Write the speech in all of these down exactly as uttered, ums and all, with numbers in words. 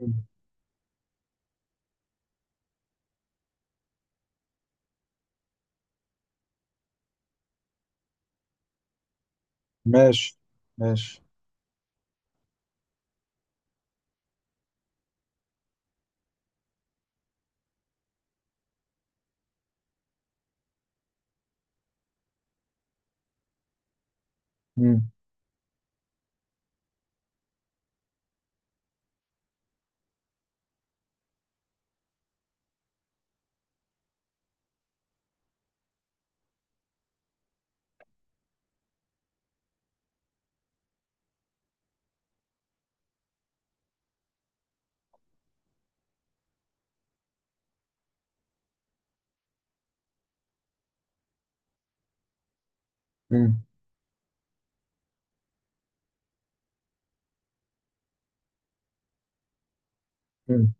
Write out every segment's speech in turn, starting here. مم. ماشي ماشي. مم. مم. مم.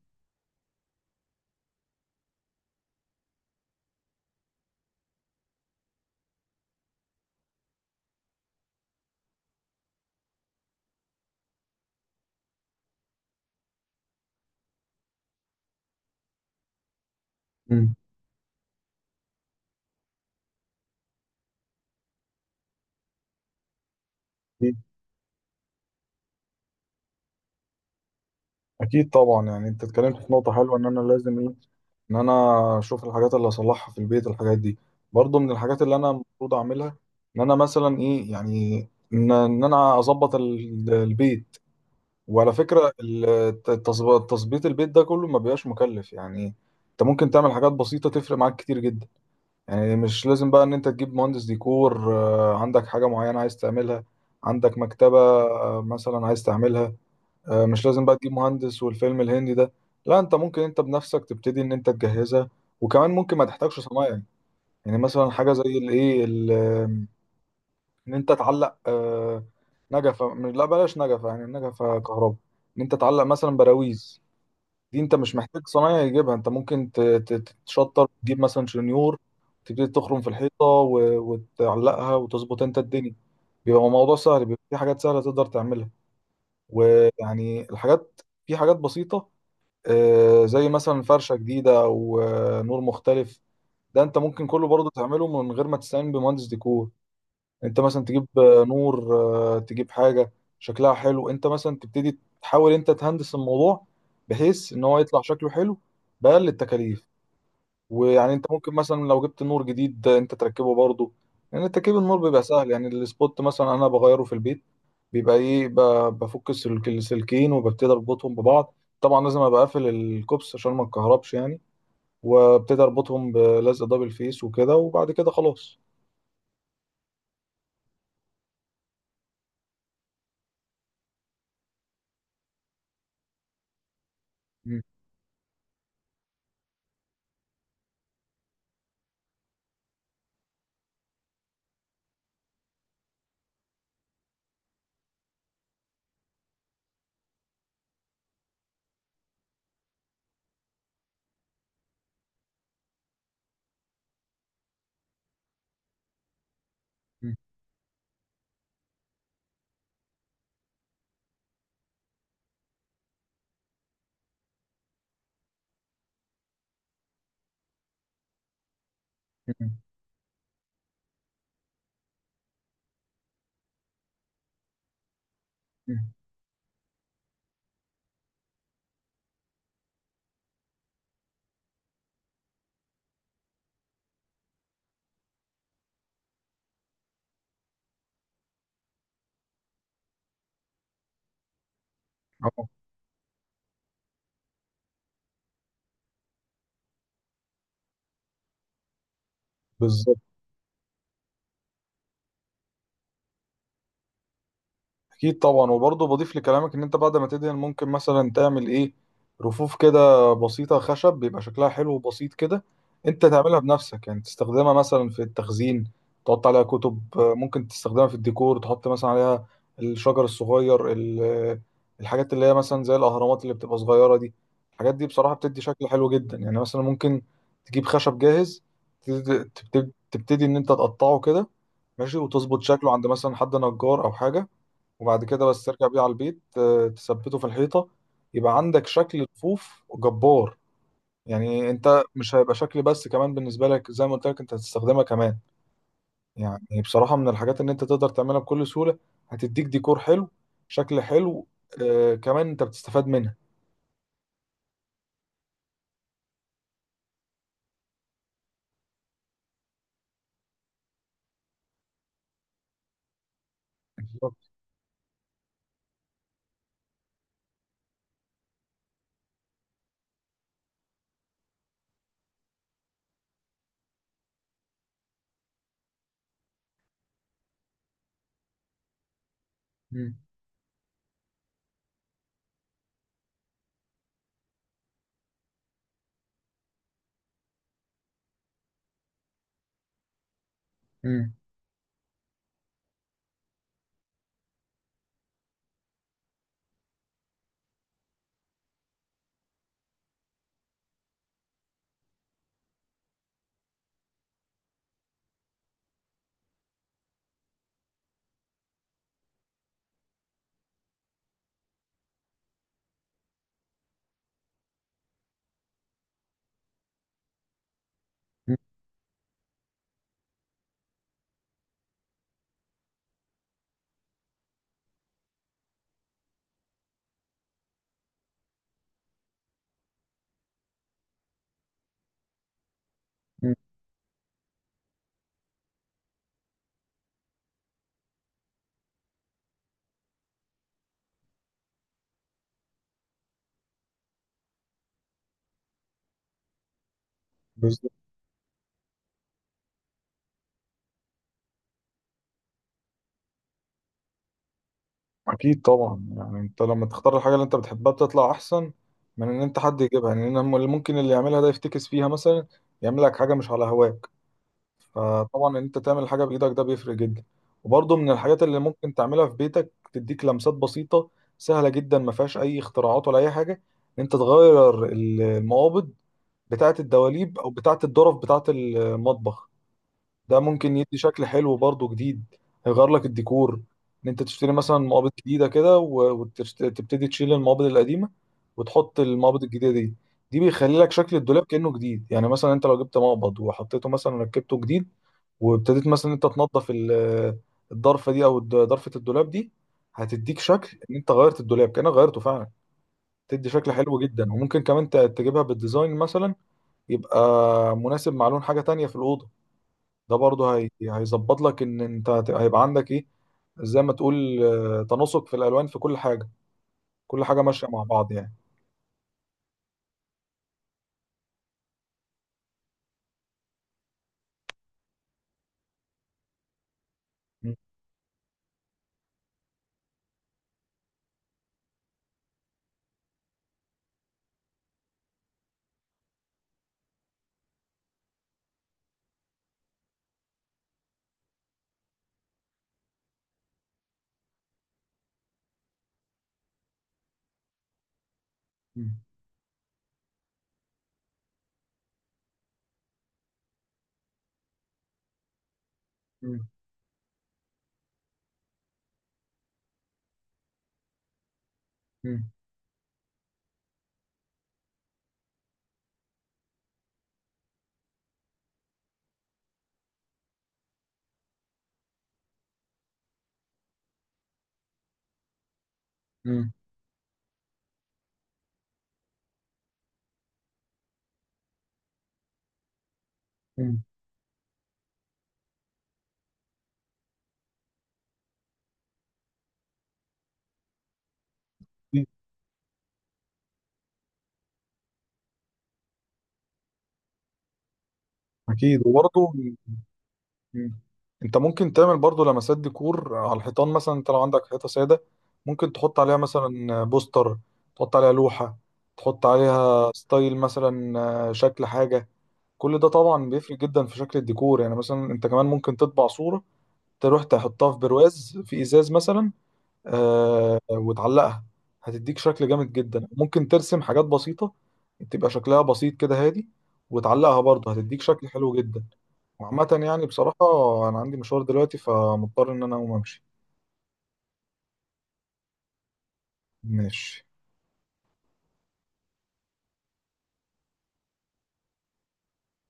مم. أكيد. أكيد طبعا، يعني أنت اتكلمت في نقطة حلوة، إن أنا لازم إيه إن أنا أشوف الحاجات اللي أصلحها في البيت. الحاجات دي برضو من الحاجات اللي أنا المفروض أعملها. إن أنا مثلا إيه يعني، إن إن أنا أظبط ال- البيت. وعلى فكرة ال- التظب- تظبيط البيت ده كله ما بيبقاش مكلف يعني. أنت ممكن تعمل حاجات بسيطة تفرق معاك كتير جدا. يعني مش لازم بقى ان انت تجيب مهندس ديكور، آه، عندك حاجة معينة عايز تعملها، عندك مكتبة، آه، مثلا عايز تعملها. آه، مش لازم بقى تجيب مهندس والفيلم الهندي ده. لا، انت ممكن انت بنفسك تبتدي ان انت تجهزها، وكمان ممكن ما تحتاجش صنايعي. يعني مثلا حاجة زي الايه ال- ان انت تعلق، آه، نجفة. لا بلاش نجفة، يعني النجفة كهرباء. ان انت تعلق مثلا براويز، دي انت مش محتاج صنايعي يجيبها، انت ممكن ت- ت- تتشطر تجيب مثلا شنيور، تبتدي تخرم في الحيطه و- وتعلقها وتظبط انت الدنيا. بيبقى الموضوع سهل، بيبقى في حاجات سهله تقدر تعملها. ويعني الحاجات، في حاجات بسيطه، آه، زي مثلا فرشه جديده او آه، نور مختلف. ده انت ممكن كله برضه تعمله من غير ما تستعين بمهندس ديكور. انت مثلا تجيب، آه، نور، آه، تجيب حاجه شكلها حلو، انت مثلا تبتدي تحاول انت تهندس الموضوع بحيث ان هو يطلع شكله حلو بأقل التكاليف. ويعني انت ممكن مثلا لو جبت نور جديد، آه، انت تركبه برضه. يعني تركيب النور بيبقى سهل. يعني السبوت مثلا انا بغيره في البيت، بيبقى ايه، ب- بفك السلك- السلكين وببتدي اربطهم ببعض. طبعا لازم ابقى قافل الكوبس عشان ما اتكهربش يعني، وابتدي اربطهم بلزق دبل فيس وكده، وبعد كده خلاص. م- م- م- م. اه. بالظبط. اكيد طبعا، وبرضه بضيف لكلامك ان انت بعد ما تدهن ممكن مثلا تعمل ايه، رفوف كده بسيطه خشب بيبقى شكلها حلو وبسيط كده. انت تعملها بنفسك، يعني تستخدمها مثلا في التخزين، تحط عليها كتب، آه، ممكن تستخدمها في الديكور، تحط مثلا عليها الشجر الصغير ال- آه، الحاجات اللي هي مثلا زي الاهرامات اللي بتبقى صغيره دي. الحاجات دي بصراحه بتدي شكل حلو جدا. يعني مثلا ممكن تجيب خشب جاهز، تبتدي تبتدي ان انت تقطعه كده، ماشي، وتظبط شكله عند مثلا حد نجار او حاجه، وبعد كده بس ترجع بيه على البيت، آه، تثبته في الحيطة، يبقى عندك شكل رفوف جبار. يعني انت مش هيبقى شكل بس، كمان بالنسبة لك زي ما قلت لك انت هتستخدمها كمان. يعني بصراحة من الحاجات ان انت تقدر تعملها بكل سهولة، هتديك ديكور حلو، شكل حلو، آه كمان انت بتستفاد منها. بالظبط. مم. مم. مم. مم. بالظبط. اكيد طبعا، يعني انت لما تختار الحاجة اللي انت بتحبها بتطلع احسن من ان انت حد يجيبها. يعني إن هم- اللي ممكن اللي يعملها ده يفتكس فيها مثلا، يعمل لك حاجة مش على هواه. فطبعا ان انت تعمل حاجه بايدك ده بيفرق جدا. وبرضه من الحاجات اللي ممكن تعملها في بيتك تديك لمسات بسيطه، سهله جدا، ما فيهاش اي اختراعات ولا اي حاجه، ان انت تغير المقابض بتاعه الدواليب او بتاعه الظرف بتاعه المطبخ. ده ممكن يدي شكل حلو برضو جديد، هيغير لك الديكور. ان انت تشتري مثلا مقابض جديدة كده وتبتدي تشيل المقابض القديمة وتحط المقابض الجديدة دي، دي بيخلي لك شكل الدولاب كأنه جديد. يعني مثلا انت لو جبت مقبض وحطيته مثلا ركبته جديد، وابتديت مثلا انت تنظف ال- الضرفة دي او الد- ضرفة الدولاب دي، هتديك شكل ان انت غيرت الدولاب كأنك غيرته فعلا. تدي شكل حلو جدا. وممكن كمان ت- تجيبها بالديزاين مثلا، يبقى مناسب مع لون حاجة تانية في الأوضة. ده برضه هي... هيظبط لك ان انت هت- هيبقى عندك ايه، زي ما تقول، آه، تناسق في الالوان في كل حاجه، كل حاجه ماشيه مع بعض يعني. مم. مم. مم. مم. مم. مم. اكيد. أكيد. وبرضه، مم، انت ممكن تعمل برضه لمسات ديكور على الحيطان. مثلا انت لو عندك حيطه ساده، ممكن تحط عليها مثلا بوستر، تحط عليها لوحه، تحط عليها ستايل مثلا، آه، شكل حاجه. كل ده طبعا بيفرق جدا في شكل الديكور. يعني مثلا انت كمان ممكن تطبع صوره، تروح تحطها في برواز في ازاز مثلا، آه وتعلقها، هتديك شكل جامد جدا. ممكن ترسم حاجات بسيطة تبقى شكلها بسيط كده هادي، وتعلقها برضه هتديك شكل حلو جدا. وعامة يعني بصراحة، أنا عندي مشوار دلوقتي فمضطر إن أنا أقوم أمشي. ماشي.